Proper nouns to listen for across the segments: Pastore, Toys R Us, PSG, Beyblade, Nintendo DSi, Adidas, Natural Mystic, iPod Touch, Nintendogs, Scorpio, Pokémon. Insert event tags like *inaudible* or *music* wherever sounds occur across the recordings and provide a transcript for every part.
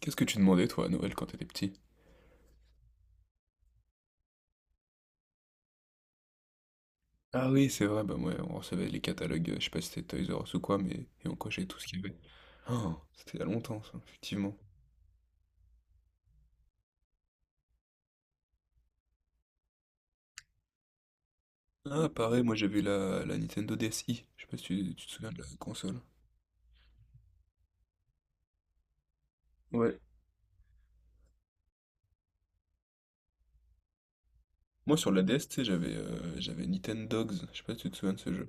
Qu'est-ce que tu demandais toi à Noël quand t'étais petit? Ah oui, c'est vrai, bah ouais, on recevait les catalogues, je sais pas si c'était Toys R Us ou quoi, mais et on cochait tout ce qu'il y avait. Oh, c'était il y a longtemps ça, effectivement. Ah pareil, moi j'avais la Nintendo DSi, je sais pas si tu te souviens de la console. Ouais. Moi sur la DS, tu sais, j'avais Nintendogs, je sais pas si tu te souviens de ce jeu.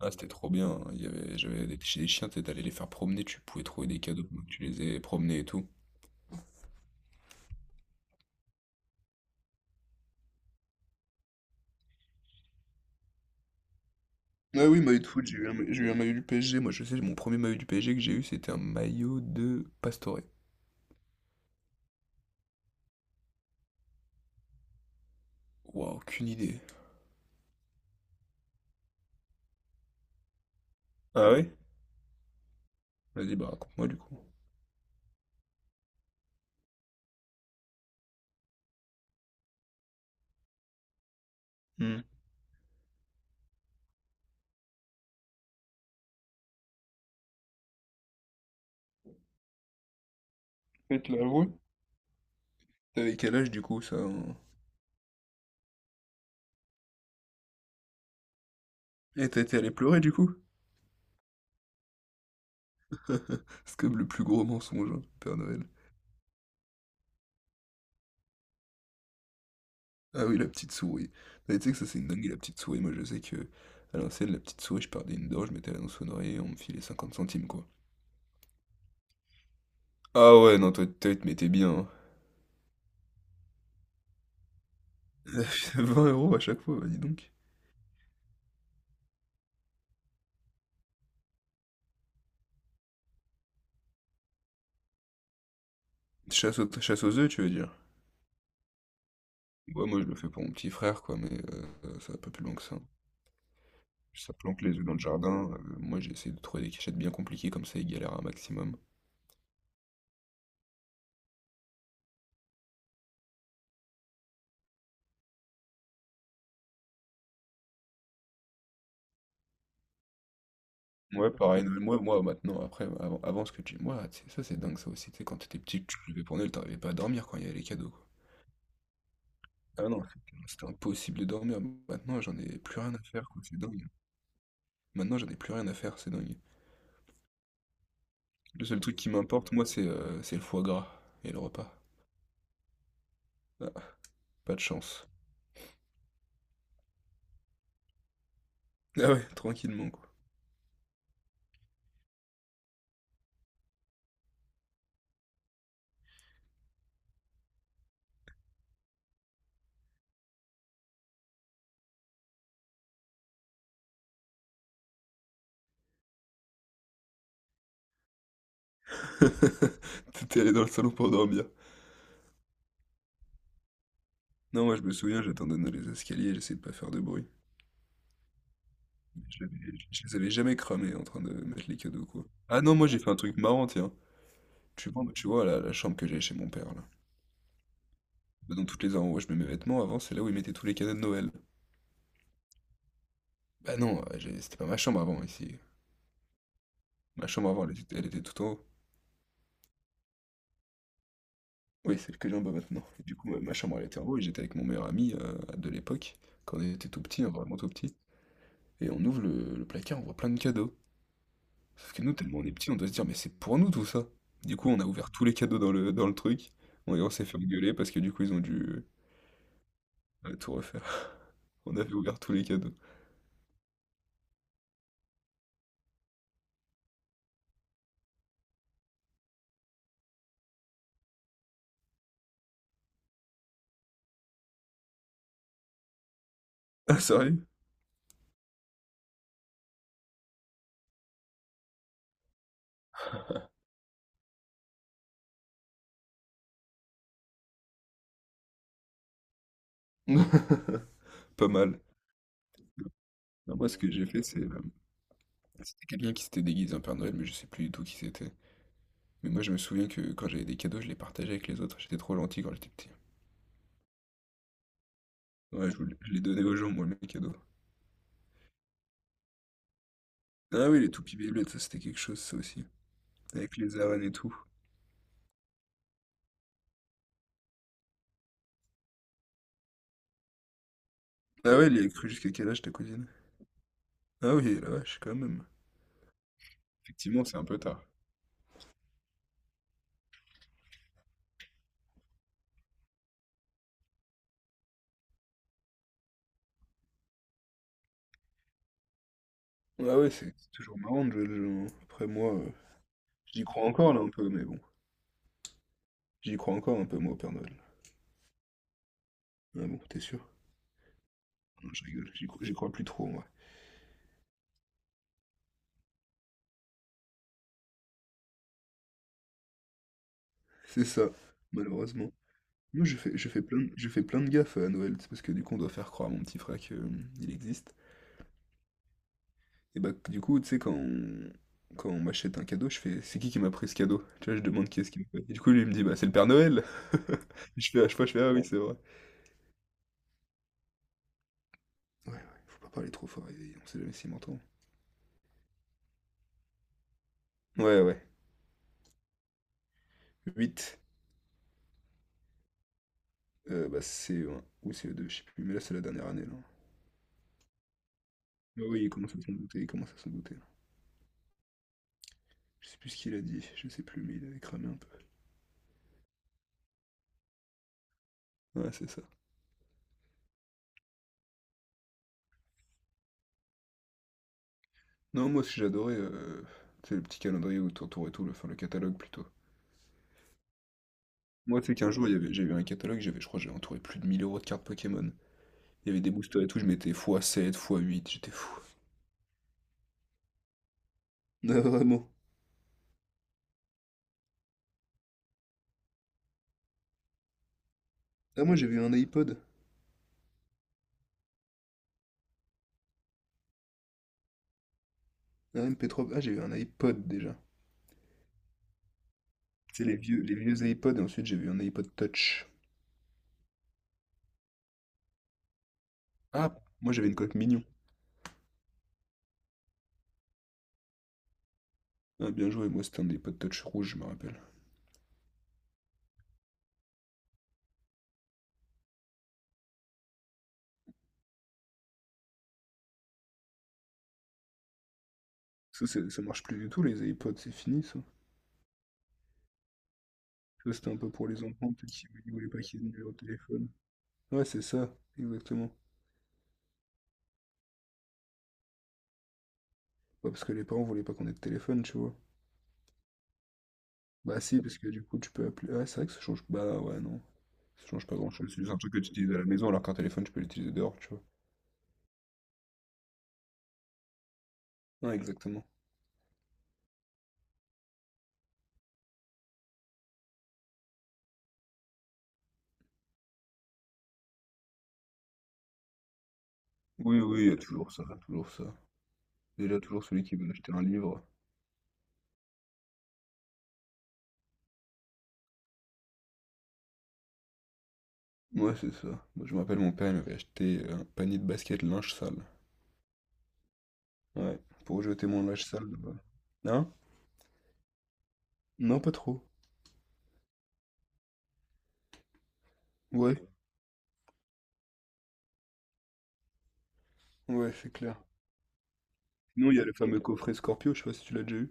Ah c'était trop bien, hein, il y avait, j'avais des, chez les chiens, t'sais, t'allais les faire promener, tu pouvais trouver des cadeaux, donc tu les ai promenés et tout. Ouais, oui, maillot de foot, j'ai eu un maillot du PSG. Moi, je sais, mon premier maillot du PSG que j'ai eu, c'était un maillot de Pastore. Waouh, aucune idée. Ah ouais? Vas-y, bah raconte-moi du coup. Hmm. Je te l'avoue. T'avais quel âge du coup, ça, hein? Eh, t'as été allé pleurer du coup? *laughs* C'est comme le plus gros mensonge, hein, Père Noël. Ah oui, la petite souris. Mais tu sais que ça, c'est une dingue la petite souris. Moi, je sais que à l'ancienne, la petite souris, je perdais une dent, je mettais la dans sonnerie et on me filait 50 centimes, quoi. Ah ouais, non, toi, tu te mettais bien, hein. *laughs* 20 € à chaque fois, bah dis donc. Chasse aux œufs, tu veux dire? Ouais, moi je le fais pour mon petit frère, quoi, mais ça va pas plus loin que ça. Ça planque les œufs dans le jardin. Moi j'ai essayé de trouver des cachettes bien compliquées, comme ça ils galèrent un maximum. Ouais, pareil, Noël, moi maintenant, après, avant ce que tu. Moi, tu sais, ça c'est dingue ça aussi, tu sais, quand t'étais petit, tu devais pour Noël, t'arrivais pas à dormir quand il y avait les cadeaux, quoi. Ah non, c'était impossible de dormir. Maintenant, j'en ai plus rien à faire, quoi, c'est dingue. Maintenant, j'en ai plus rien à faire, c'est dingue. Le seul truc qui m'importe, moi, c'est le foie gras et le repas. Ah, pas de chance. Ah ouais, tranquillement, quoi. *laughs* T'étais allé dans le salon pour dormir. Non, moi je me souviens, j'attendais dans les escaliers, j'essayais de pas faire de bruit. Je les avais jamais cramés en train de mettre les cadeaux, quoi. Ah non, moi j'ai fait un truc marrant, tiens. Tu vois la chambre que j'avais chez mon père, là. Bah, dans toutes les endroits où je mets mes vêtements, avant, c'est là où ils mettaient tous les cadeaux de Noël. Bah non, c'était pas ma chambre avant, ici. Ma chambre avant, elle était tout en haut. Oui, celle que j'ai en bas maintenant. Et du coup, ma chambre, elle était en haut et j'étais avec mon meilleur ami de l'époque, quand on était tout petit, hein, vraiment tout petit. Et on ouvre le placard, on voit plein de cadeaux. Sauf que nous, tellement on est petits, on doit se dire, mais c'est pour nous tout ça. Du coup, on a ouvert tous les cadeaux dans le truc. Bon, et on s'est fait engueuler parce que du coup, ils ont dû tout refaire. *laughs* On avait ouvert tous les cadeaux. Ah, sérieux? *laughs* Pas mal. Non, moi, ce que j'ai fait, c'était quelqu'un qui s'était déguisé en Père Noël, mais je sais plus du tout qui c'était. Mais moi, je me souviens que quand j'avais des cadeaux, je les partageais avec les autres. J'étais trop gentil quand j'étais petit. Ouais, je les donnais aux gens, moi, mes cadeaux. Ah oui, les toupies Beyblade, ça c'était quelque chose, ça aussi. Avec les arènes et tout. Ah ouais, elle y a cru jusqu'à quel âge ta cousine? Ah oui, la vache, quand même. Effectivement, c'est un peu tard. Ah ouais, c'est toujours marrant de jouer le jeu, hein. Après, moi, j'y crois encore là un peu, mais bon. J'y crois encore un peu, moi, au Père Noël. Ah bon, t'es sûr? Non, je rigole, j'y crois plus trop, moi. C'est ça, malheureusement. Moi, je fais plein de gaffes à Noël, c'est parce que du coup, on doit faire croire à mon petit frère que il existe. Et bah, du coup, tu sais, quand on m'achète un cadeau, je fais, c'est qui m'a pris ce cadeau? Tu vois, je demande qui est-ce qui m'a fait. Et du coup, lui, il me dit, bah, c'est le Père Noël! *laughs* Je fais, à chaque fois, je fais, ah oui, c'est vrai. Ouais, ouais, faut pas parler trop fort, on sait jamais s'il m'entend. Ouais, ouais. 8. Bah, CE1 ou CE2 je sais plus, mais là c'est la dernière année là. Ah oui, il commence à s'en douter, il commence à s'en douter là. Je sais plus ce qu'il a dit, je sais plus, mais il avait cramé un peu. Ouais, c'est ça. Non, moi aussi j'adorais, tu sais, le petit calendrier où tu entourais tout, enfin le catalogue plutôt. Moi, tu sais qu'un jour, j'ai eu un catalogue, j'avais, je crois, que j'ai entouré plus de 1 000 € de cartes Pokémon. Il y avait des boosters et tout, je mettais fois sept fois huit j'étais fou. Ah, vraiment. Ah, moi, j'ai vu un iPod, un MP3 ah, j'ai eu un iPod déjà. C'est les vieux iPods, et ensuite j'ai vu un iPod Touch. Ah, moi j'avais une coque mignon. Ah, bien joué, moi c'était un iPod Touch rouge, je me rappelle. Ça marche plus du tout, les iPods, c'est fini ça. Ça c'était un peu pour les enfants, peut-être qu'ils voulaient pas qu'ils aient de numéro de téléphone. Ouais, c'est ça, exactement. Ouais, parce que les parents voulaient pas qu'on ait de téléphone, tu vois. Bah si, parce que du coup tu peux appeler. Ah, c'est vrai que ça change. Bah ouais, non. Ça change pas grand-chose. C'est juste un truc que tu utilises à la maison, alors qu'un téléphone tu peux l'utiliser dehors, tu vois. Ouais, exactement. Oui, oui, il y a toujours ça, toujours ça. Déjà, toujours celui qui veut acheter un livre. Ouais, c'est ça. Moi, je me rappelle, mon père, il m'avait acheté un panier de basket linge sale. Ouais, pour jeter mon linge sale là-bas. Hein? Non, pas trop. Ouais, ouais, c'est clair. Sinon, il y a le fameux coffret Scorpio, je sais pas si tu l'as déjà eu.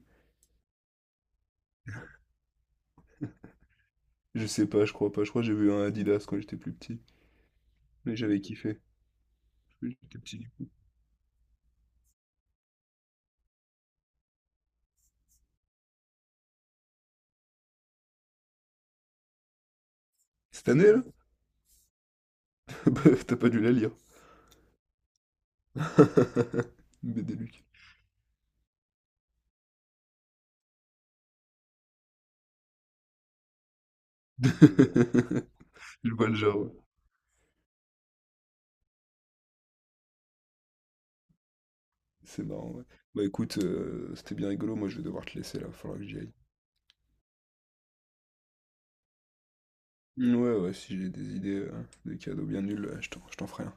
Je sais pas, je crois pas. Je crois que j'ai vu un Adidas quand j'étais plus petit. Mais j'avais kiffé. Oui, j'étais petit du coup. Cette année, là? *laughs* Bah, t'as pas dû la lire. *laughs* BD Luc. *laughs* Je vois le genre, ouais. C'est marrant, ouais. Bah écoute, c'était bien rigolo. Moi, je vais devoir te laisser là. Faudra que j'y aille. Ouais, ouais, si j'ai des idées de cadeaux bien nuls, je t'en ferai un.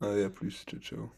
Allez, à plus. Ciao, ciao.